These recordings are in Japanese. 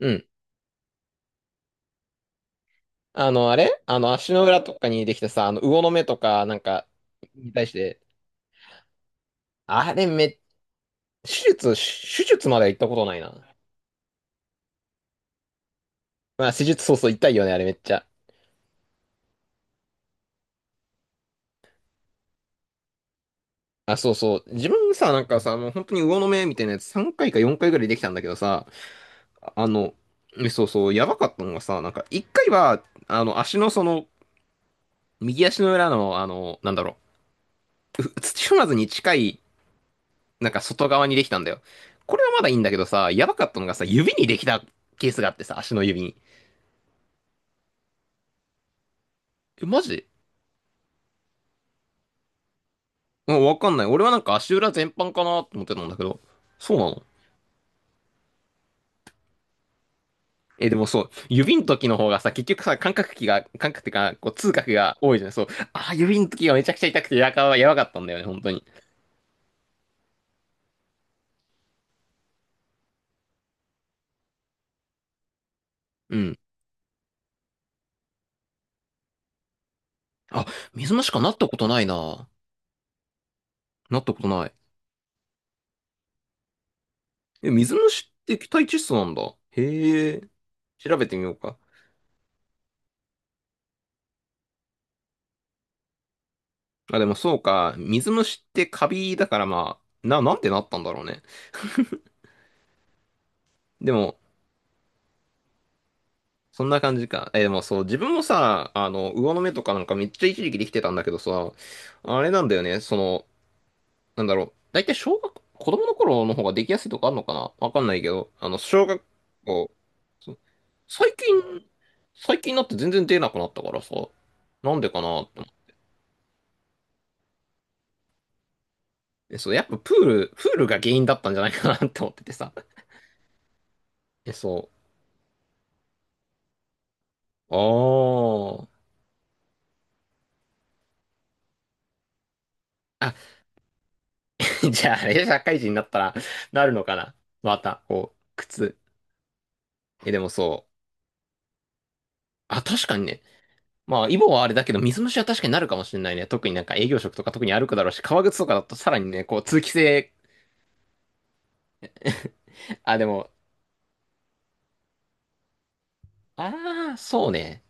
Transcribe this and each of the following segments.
うん。あれ足の裏とかにできたさ、魚の目とか、なんか、に対して、あれめ、手術までは行ったことないな。まあ、手術、そうそう、痛いよね、あれめっちゃ。あ、そうそう。自分さ、なんかさ、もう本当に魚の目みたいなやつ3回か4回ぐらいできたんだけどさ、あの、そうそう、やばかったのがさ、なんか、1回は、足のその、右足の裏の、なんだろう、土踏まずに近いなんか外側にできたんだよ。これはまだいいんだけどさ、やばかったのがさ、指にできたケースがあってさ、足の指に。え、マジ、うん、わかんない。俺はなんか足裏全般かなと思ってたんだけど。そうなの？え、でもそう、指の時の方がさ、結局さ、感覚器が、感覚ってか、こう、痛覚が多いじゃん。そう。あー、指の時がめちゃくちゃ痛くて、やばかったんだよね、本当に。うん。あ、水虫かなったことないな。なったことない。え、水虫って液体窒素なんだ。へえ、調べてみようか。あ、でもそうか。水虫ってカビだからまあ、なんてなったんだろうね。でも、そんな感じか。え、でもそう、自分もさ、魚の目とかなんかめっちゃ一時期できてたんだけどさ、あれなんだよね、その、なんだろう。だいたい子供の頃の方ができやすいとかあるのかな、わかんないけど、小学校、そう、最近、最近になって全然出なくなったからさ、なんでかなって思って。そう、やっぱプールが原因だったんじゃないかなって思っててさ。え、そう。ああ。あ、じゃあ、あれ、社会人になったら、なるのかな。また、こう、靴。え、でもそう。あ、確かにね。まあ、イボはあれだけど、水虫は確かになるかもしれないね。特になんか営業職とか特に歩くだろうし、革靴とかだとさらにね、こう、通気性。あ、でも、ああ、そうね。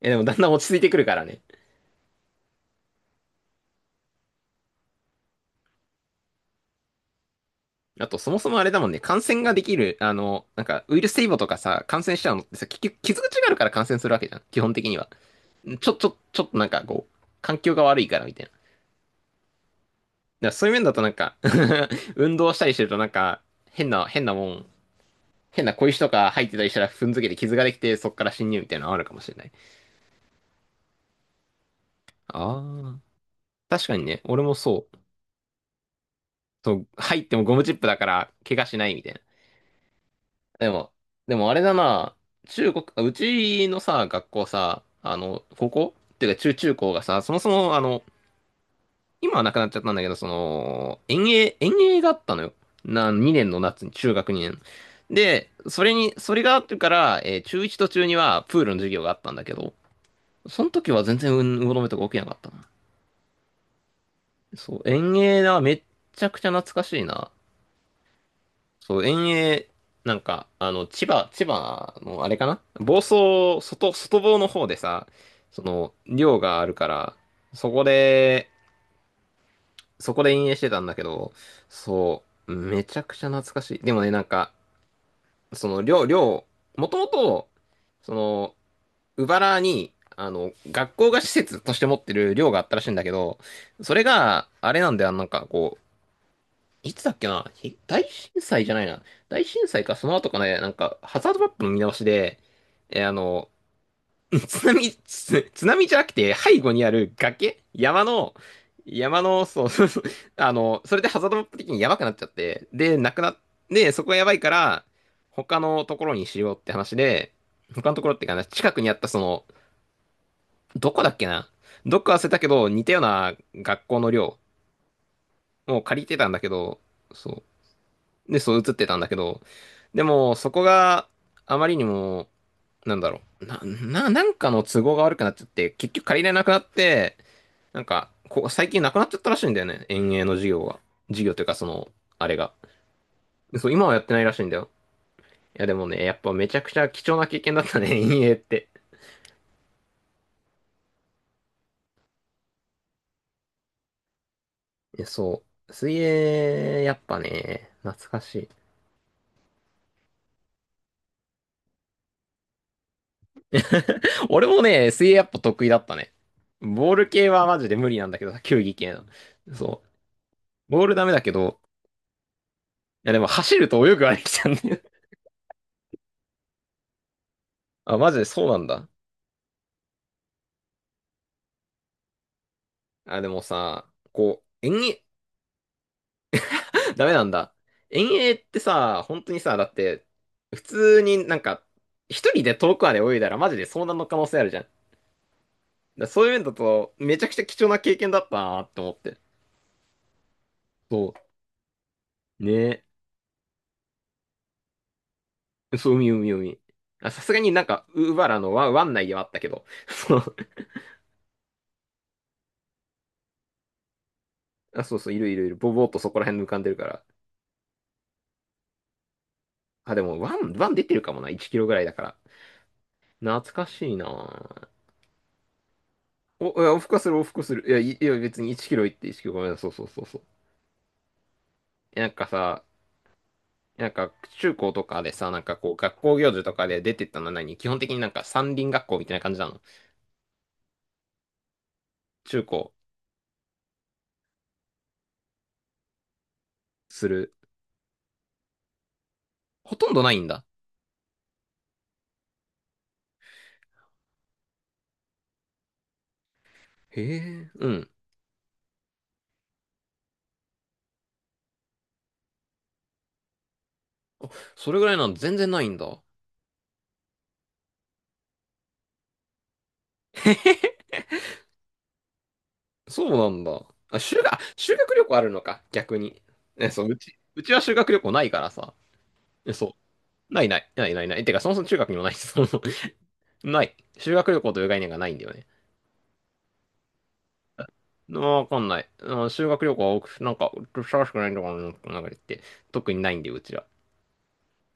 え、でもだんだん落ち着いてくるからね。あと、そもそもあれだもんね、感染ができる、なんか、ウイルス性イボとかさ、感染しちゃうのってさ、結局、傷口があるから感染するわけじゃん。基本的には。ちょっとなんかこう、環境が悪いからみたいな。だからそういう面だとなんか、 運動したりしてるとなんか、変な、変なもん、変な小石とか入ってたりしたら踏んづけて傷ができて、そっから侵入みたいなのあるかもしれない。ああ。確かにね、俺もそう。そう、入ってもゴムチップだから怪我しないみたいな。でも、でもあれだな、中国、あうちのさ、学校さ、高校っていうか、中高がさ、そもそも今はなくなっちゃったんだけど、その、遠泳があったのよ。2年の夏に、中学2年。で、それがあってから、中1と中2はプールの授業があったんだけど、その時は全然運動の目とか起きなかったな。そう、遠泳はめっちゃくちゃ懐かしいな。そう、遠泳、なんか、千葉のあれかな、房総、外房の方でさ、その、寮があるから、そこで、そこで陰影してたんだけど、そう、めちゃくちゃ懐かしい。でもね、なんか、寮、もともと、その、鵜原に、学校が施設として持ってる寮があったらしいんだけど、それがあれなんだよ、なんかこう、いつだっけな、大震災じゃないな。大震災か、その後かね、なんか、ハザードマップの見直しで、えーあの、津波じゃなくて、背後にある崖山の、山の、そうそうそう、あの、それでハザードマップ的にやばくなっちゃって、で、なくなっ、で、そこがやばいから、他のところにしようって話で、他のところっていうかな、近くにあったその、どこだっけな、どっか忘れたけど、似たような学校の寮を借りてたんだけど、そう。で、そう映ってたんだけど、でも、そこがあまりにも、なんだろう、なんかの都合が悪くなっちゃって、結局借りれなくなって、なんか、最近なくなっちゃったらしいんだよね。園芸の授業が。授業というか、その、あれが。そう、今はやってないらしいんだよ。いや、でもね、やっぱめちゃくちゃ貴重な経験だったね、園芸って。いやそう。水泳、やっぱね、懐かしい。俺もね、水泳やっぱ得意だったね。ボール系はマジで無理なんだけどさ、球技系の。そう。ボールダメだけど、いやでも走ると泳ぐはできちゃうんだよ。あ、マジでそうなんだ。あ、でもさ、こう、遠泳、ダメなんだ。遠泳ってさ、本当にさ、だって、普通になんか、一人で遠くまで泳いだらマジで遭難の可能性あるじゃん。だからそういう面だと、めちゃくちゃ貴重な経験だったなって思って。そう。ねえ。そう、海、海、海。あ、さすがになんか、ウーバラの湾内ではあったけど。そう。あ、そうそう、いるいるいる。ぼぼーっとそこら辺に浮かんでるから。あ、でも、湾出てるかもな。1キロぐらいだから。懐かしいな。お、いや、往復はする、往復する。いや、いいや、別に1キロ行って1キロ、ごめんなさい。そうそうそうそう。なんかさ、なんか中高とかでさ、なんかこう学校行事とかで出てったのは何、基本的になんか山林学校みたいな感じなの？中高、する。ほとんどないんだ。へえ、うん。それぐらいなの？全然ないんだ。そうなんだ。あ、修学旅行あるのか、逆に。え、そう、うちは修学旅行ないからさ。え、そう。ないない、ないないない。てか、そもそも中学にもないし、そもそもない。修学旅行という概念がないんだよね。わかんない。うん、修学旅行は多く、なんか、探しくないのかな、なんか言って。特にないんで、うちら。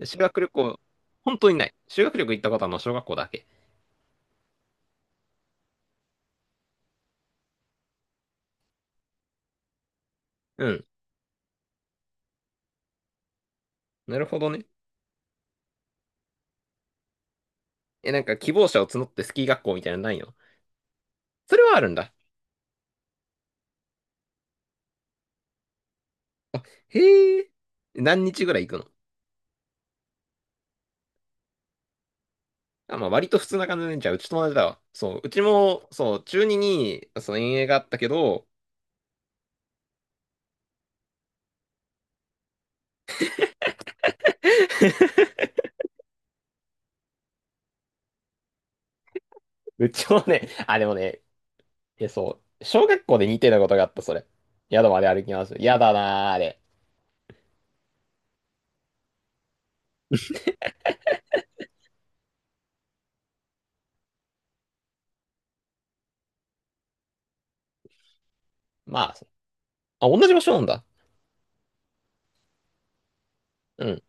修学旅行、本当にない。修学旅行行ったことはまあの小学校だけ。うん。なるほどね。え、なんか希望者を募ってスキー学校みたいなのないの？それはあるんだ。へえ。何日ぐらい行くの？あ、まあ割と普通な感じで、じゃあうちと同じだわ。そう、うちも、そう、中2に、そう、遠泳があったけど、うちもね、あ、でもね、え、そう、小学校で似てたことがあった、それ。宿まで歩きます。やだなー、あれ。まあ、あ、同じ場所なんだ。うん。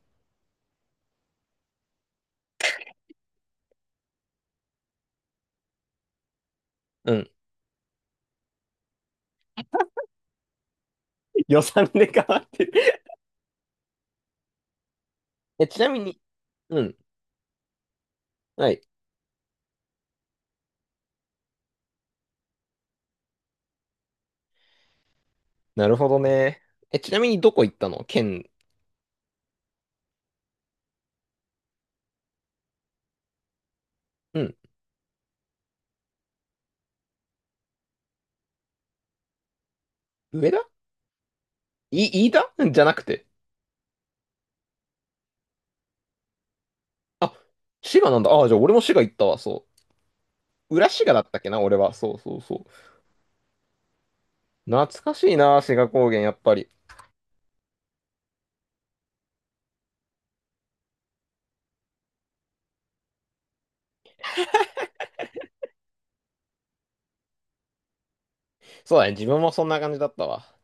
うん。予算で変わってる。え、ちなみに、うん。はい。なるほどね。え、ちなみにどこ行ったの、県？うん。上田。飯田、うんじゃなくて。あ、滋賀なんだ。あ、じゃあ俺も滋賀行ったわ、そう。裏滋賀だったっけな、俺は。そうそうそう。懐かしいな、滋賀高原、やっぱり。そうだね、自分もそんな感じだったわ。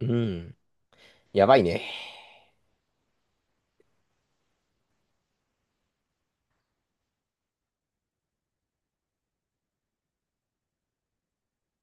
うん。やばいね。